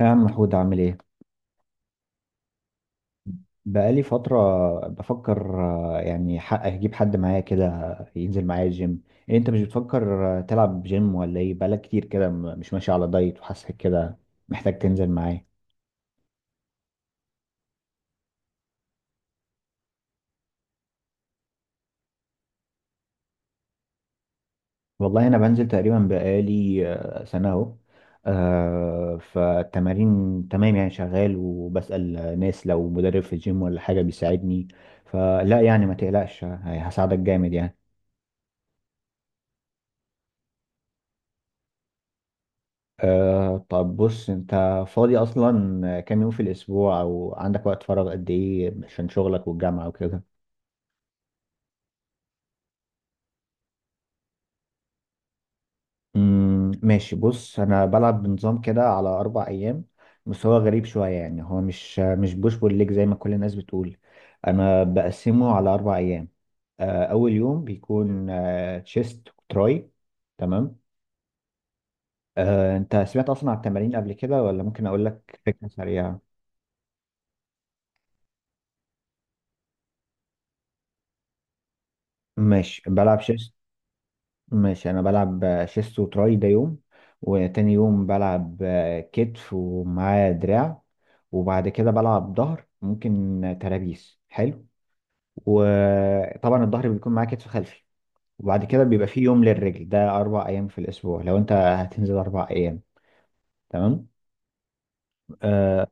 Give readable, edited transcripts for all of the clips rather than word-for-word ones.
يا عم محمود عامل ايه؟ بقالي فترة بفكر يعني حق اجيب حد معايا كده ينزل معايا الجيم. إيه انت مش بتفكر تلعب جيم ولا ايه؟ بقالك كتير كده مش ماشي على دايت وحاسك كده محتاج تنزل معايا. والله انا بنزل تقريبا بقالي سنة اهو. فالتمارين تمام، يعني شغال وبسأل ناس لو مدرب في الجيم ولا حاجة بيساعدني. فلا يعني، ما تقلقش، هساعدك جامد يعني. طب بص، انت فاضي اصلا كام يوم في الاسبوع، او عندك وقت فراغ قد ايه عشان شغلك والجامعة وكده؟ ماشي، بص انا بلعب بنظام كده على 4 ايام. بس هو غريب شوية، يعني هو مش بوش بول ليج زي ما كل الناس بتقول. انا بقسمه على 4 ايام. اول يوم بيكون تشيست وتراي. تمام. انت سمعت اصلا عن التمارين قبل كده، ولا ممكن اقول لك فكرة سريعة؟ ماشي بلعب شيست. ماشي، انا بلعب شيست وتراي ده يوم، وتاني يوم بلعب كتف ومعاه دراع، وبعد كده بلعب ظهر، ممكن ترابيس حلو، وطبعا الظهر بيكون معاه كتف خلفي، وبعد كده بيبقى فيه يوم للرجل، ده 4 ايام في الاسبوع لو انت هتنزل 4 ايام. تمام. آه.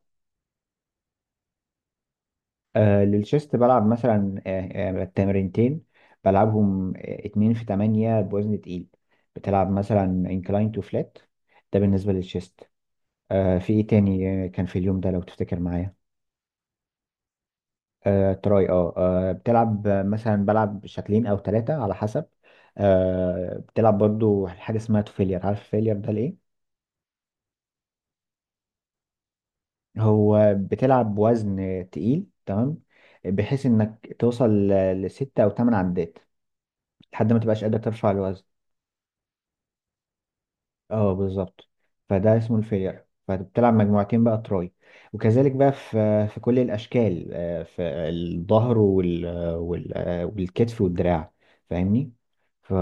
للشيست بلعب مثلا تمرينتين، بلعبهم اتنين في تمانية بوزن تقيل. بتلعب مثلا انكلاين تو فلات، ده بالنسبة للشيست. في ايه تاني؟ كان في اليوم ده لو تفتكر معايا. تراي، بتلعب، مثلا بلعب شكلين او ثلاثة على حسب. بتلعب برضو حاجة اسمها فيلير، عارف فيلير ده ليه؟ هو بتلعب وزن تقيل، تمام، بحيث انك توصل لستة او ثمان عدات، لحد ما تبقاش قادر ترفع الوزن. اه، بالظبط. فده اسمه الفيلر، فبتلعب مجموعتين بقى تراي. وكذلك بقى في كل الاشكال، في الظهر والكتف والدراع، فاهمني؟ ف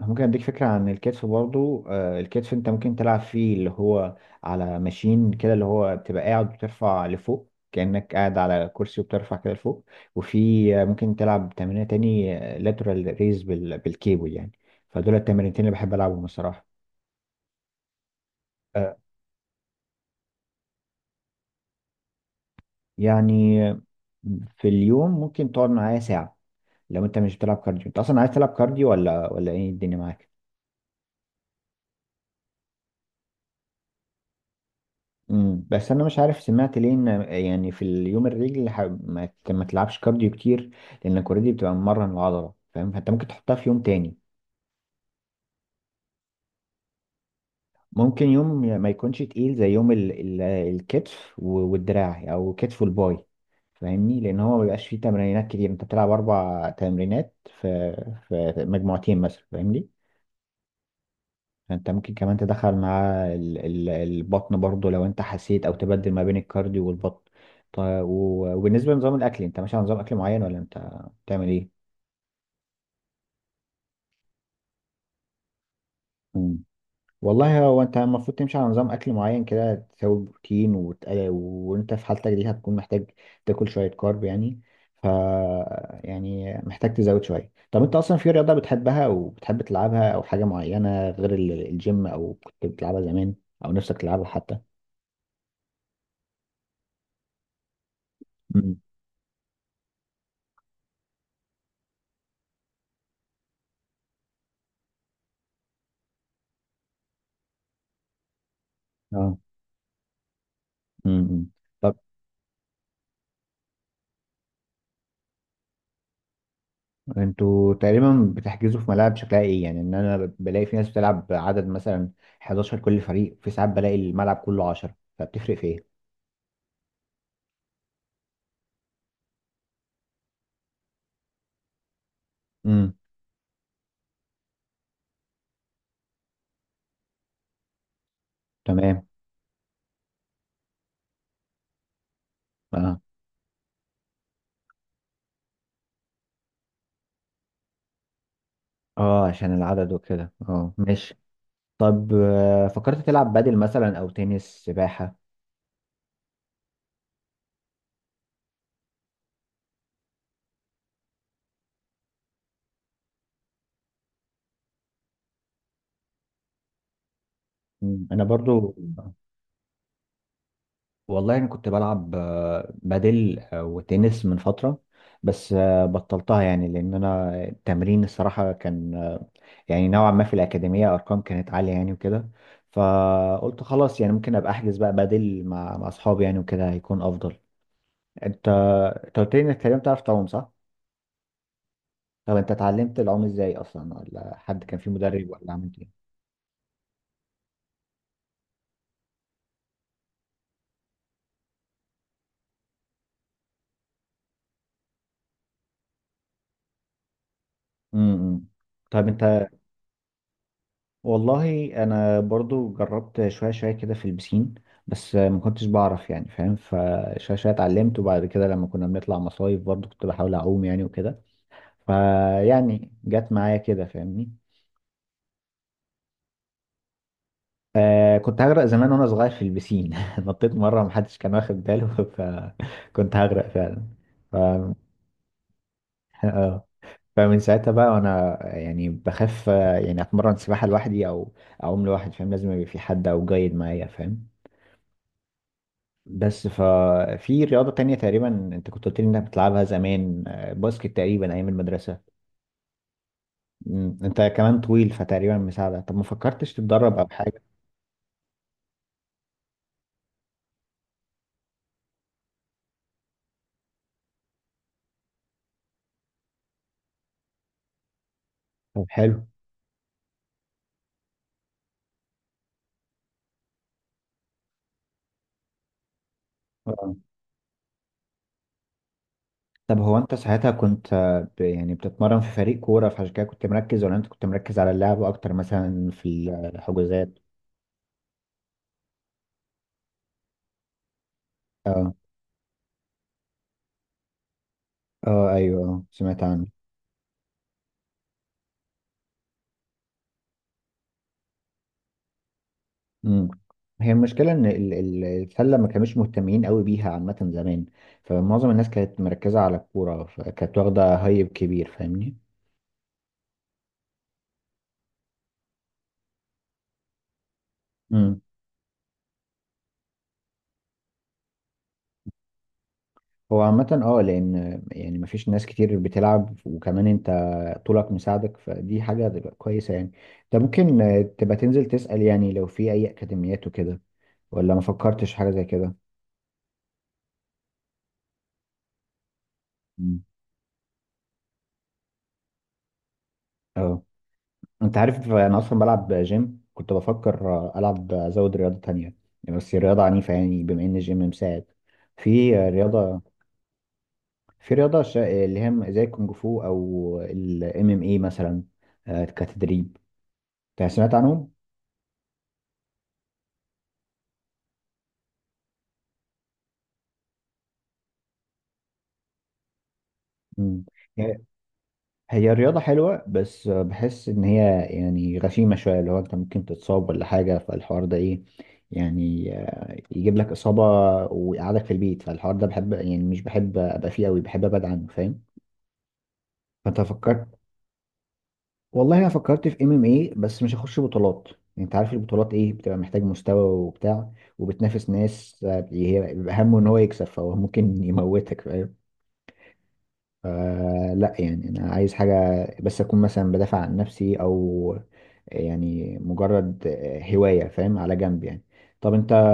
ممكن اديك فكره عن الكتف برضو. الكتف انت ممكن تلعب فيه اللي هو على ماشين كده، اللي هو بتبقى قاعد وترفع لفوق، كأنك قاعد على كرسي وبترفع كده لفوق. وفي ممكن تلعب تمرينة تاني لاترال ريز بالكيبل يعني. فدول التمرينتين اللي بحب العبهم بصراحه. يعني في اليوم ممكن تقعد معايا ساعة لو انت مش بتلعب كارديو. انت اصلا عايز تلعب كارديو ولا ايه الدنيا معاك؟ بس انا مش عارف، سمعت ليه ان يعني في اليوم الرجل ما تلعبش كارديو كتير، لانك اوريدي بتبقى ممرن العضلة، فاهم؟ فانت ممكن تحطها في يوم تاني. ممكن يوم ما يكونش تقيل زي يوم ال ال الكتف والدراع، او كتف والباي، فاهمني؟ لان هو ما بيبقاش فيه تمرينات كتير، انت بتلعب 4 تمرينات في في مجموعتين مثلا، فاهمني؟ انت ممكن كمان تدخل معاه البطن برضو لو انت حسيت، او تبدل ما بين الكارديو والبطن. طيب، وبالنسبه لنظام الاكل، انت ماشي على نظام اكل معين ولا انت بتعمل ايه؟ مم. والله هو انت المفروض تمشي على نظام اكل معين كده، تساوي بروتين وانت في حالتك دي هتكون محتاج تاكل شويه كارب يعني. ف يعني محتاج تزود شويه. طب انت اصلا في رياضه بتحبها او بتحب تلعبها، او حاجه معينه غير الجيم، او كنت بتلعبها زمان او نفسك تلعبها حتى؟ مم. اه. امم. طب انتوا تقريبا بتحجزوا في ملاعب شكلها ايه يعني؟ ان انا بلاقي في ناس بتلعب عدد مثلا 11 كل فريق، في ساعات بلاقي الملعب كله 10، فبتفرق في ايه؟ امم تمام. اه، اه، عشان العدد وكده اه ماشي طب آه، فكرت تلعب بادل مثلا او تنس سباحة مم. انا برضو والله انا كنت بلعب آه، بادل آه، وتنس من فترة بس آه، بطلتها يعني لان انا التمرين الصراحة كان آه، يعني نوعا ما في الأكاديمية أرقام كانت عالية يعني وكده فقلت خلاص يعني ممكن أبقى أحجز بقى بدل مع مع أصحابي يعني وكده هيكون أفضل أنت أنت قلت لي إنك تقريبا بتعرف تعوم صح؟ طب أنت اتعلمت العوم إزاي أصلا ولا حد كان في مدرب ولا عملت إيه؟ امم امم. طب أنت والله أنا برضو جربت شوية شوية كده في البسين بس ما كنتش بعرف يعني فاهم فشوية شوية اتعلمت وبعد كده لما كنا بنطلع مصايف برضو كنت بحاول أعوم يعني وكده فيعني جت معايا كده فاهمني آه كنت هغرق زمان وانا صغير في البسين نطيت مره محدش كان واخد باله فكنت هغرق فعلا ف... آه. فمن ساعتها بقى وانا يعني بخاف آه، يعني اتمرن سباحه لوحدي او اعوم لوحدي فاهم لازم يبقى في حد او جايد معايا فاهم بس ففي رياضه تانية تقريبا انت كنت قلت لي انك بتلعبها زمان آه، باسكت تقريبا ايام المدرسه مم. انت كمان طويل فتقريبا مساعده طب ما فكرتش تتدرب او حاجه طب حلو آه. طب هو انت ساعتها كنت آه، ب- يعني بتتمرن في فريق كورة فعشان كده كنت مركز ولا انت كنت مركز على اللعب اكتر مثلا في الحجوزات اه اه ايوه، سمعت عنه. امم. هي المشكلة ان السلة ما كانوش مهتمين قوي بيها عامة زمان، فمعظم الناس كانت مركزة على الكورة، فكانت واخدة هايب كبير، فاهمني؟ إمم. هو عامة لأن يعني مفيش ناس كتير بتلعب، وكمان انت طولك مساعدك، فدي حاجة هتبقى كويسة يعني. انت ممكن تبقى تنزل تسأل يعني لو في أي أكاديميات وكده، ولا ما فكرتش حاجة زي كده؟ مم. اه. انت عارف انا اصلا بلعب جيم، كنت بفكر العب ازود رياضة تانية بس رياضة عنيفة، يعني بما ان الجيم مساعد في رياضة، في رياضة اللي هي زي الكونج فو او الام ام اي مثلا، كتدريب. انت سمعت عنهم؟ مم. هي الرياضة حلوة بس بحس إن هي يعني غشيمة شوية، اللي هو أنت ممكن تتصاب ولا حاجة، فالحوار ده إيه يعني، يجيب لك إصابة ويقعدك في البيت، فالحوار ده بحب، يعني مش بحب أبقى فيه أوي، بحب أبعد عنه، فاهم؟ فأنت فكرت. والله أنا فكرت في إم إم إيه بس مش هخش بطولات. يعني أنت عارف البطولات إيه، بتبقى محتاج مستوى وبتاع وبتنافس ناس، هي بيبقى همه إن هو يكسب، فهو ممكن يموتك، فاهم؟ لا، يعني انا عايز حاجه بس اكون مثلا بدافع عن نفسي، او يعني مجرد هوايه فاهم، على جنب يعني. طب انت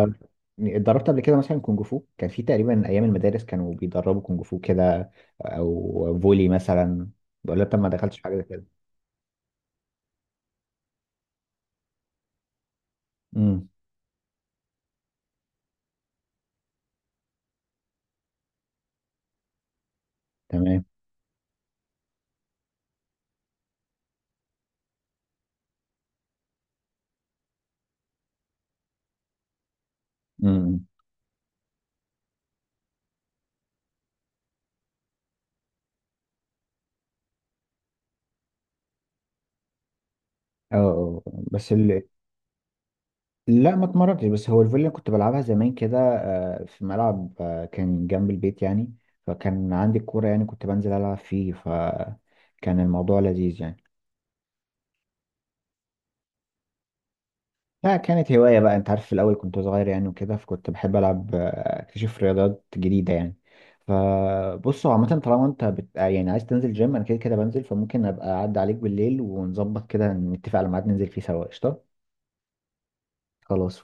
اتدربت قبل كده مثلا كونج فو؟ كان في تقريبا ايام المدارس كانوا بيدربوا كونج فو كده، او فولي مثلا. بقول لك، طب ما دخلتش حاجه زي كده؟ امم تمام. امم. اه. آه. أه. لا ما اتمرنتش. بس هو الفولي كنت بلعبها زمان كده، في ملعب كان جنب البيت يعني، فكان عندي الكورة يعني، كنت بنزل ألعب فيه، فكان الموضوع لذيذ يعني. لا، كانت هواية بقى، أنت عارف، في الأول كنت صغير يعني وكده، فكنت بحب ألعب أكتشف رياضات جديدة يعني. فبصوا عامة، طالما أنت بت... آه، يعني عايز تنزل جيم، أنا كده كده بنزل، فممكن أبقى أعدي عليك بالليل ونظبط كده، نتفق على ميعاد ننزل فيه سوا، قشطة. خلاص.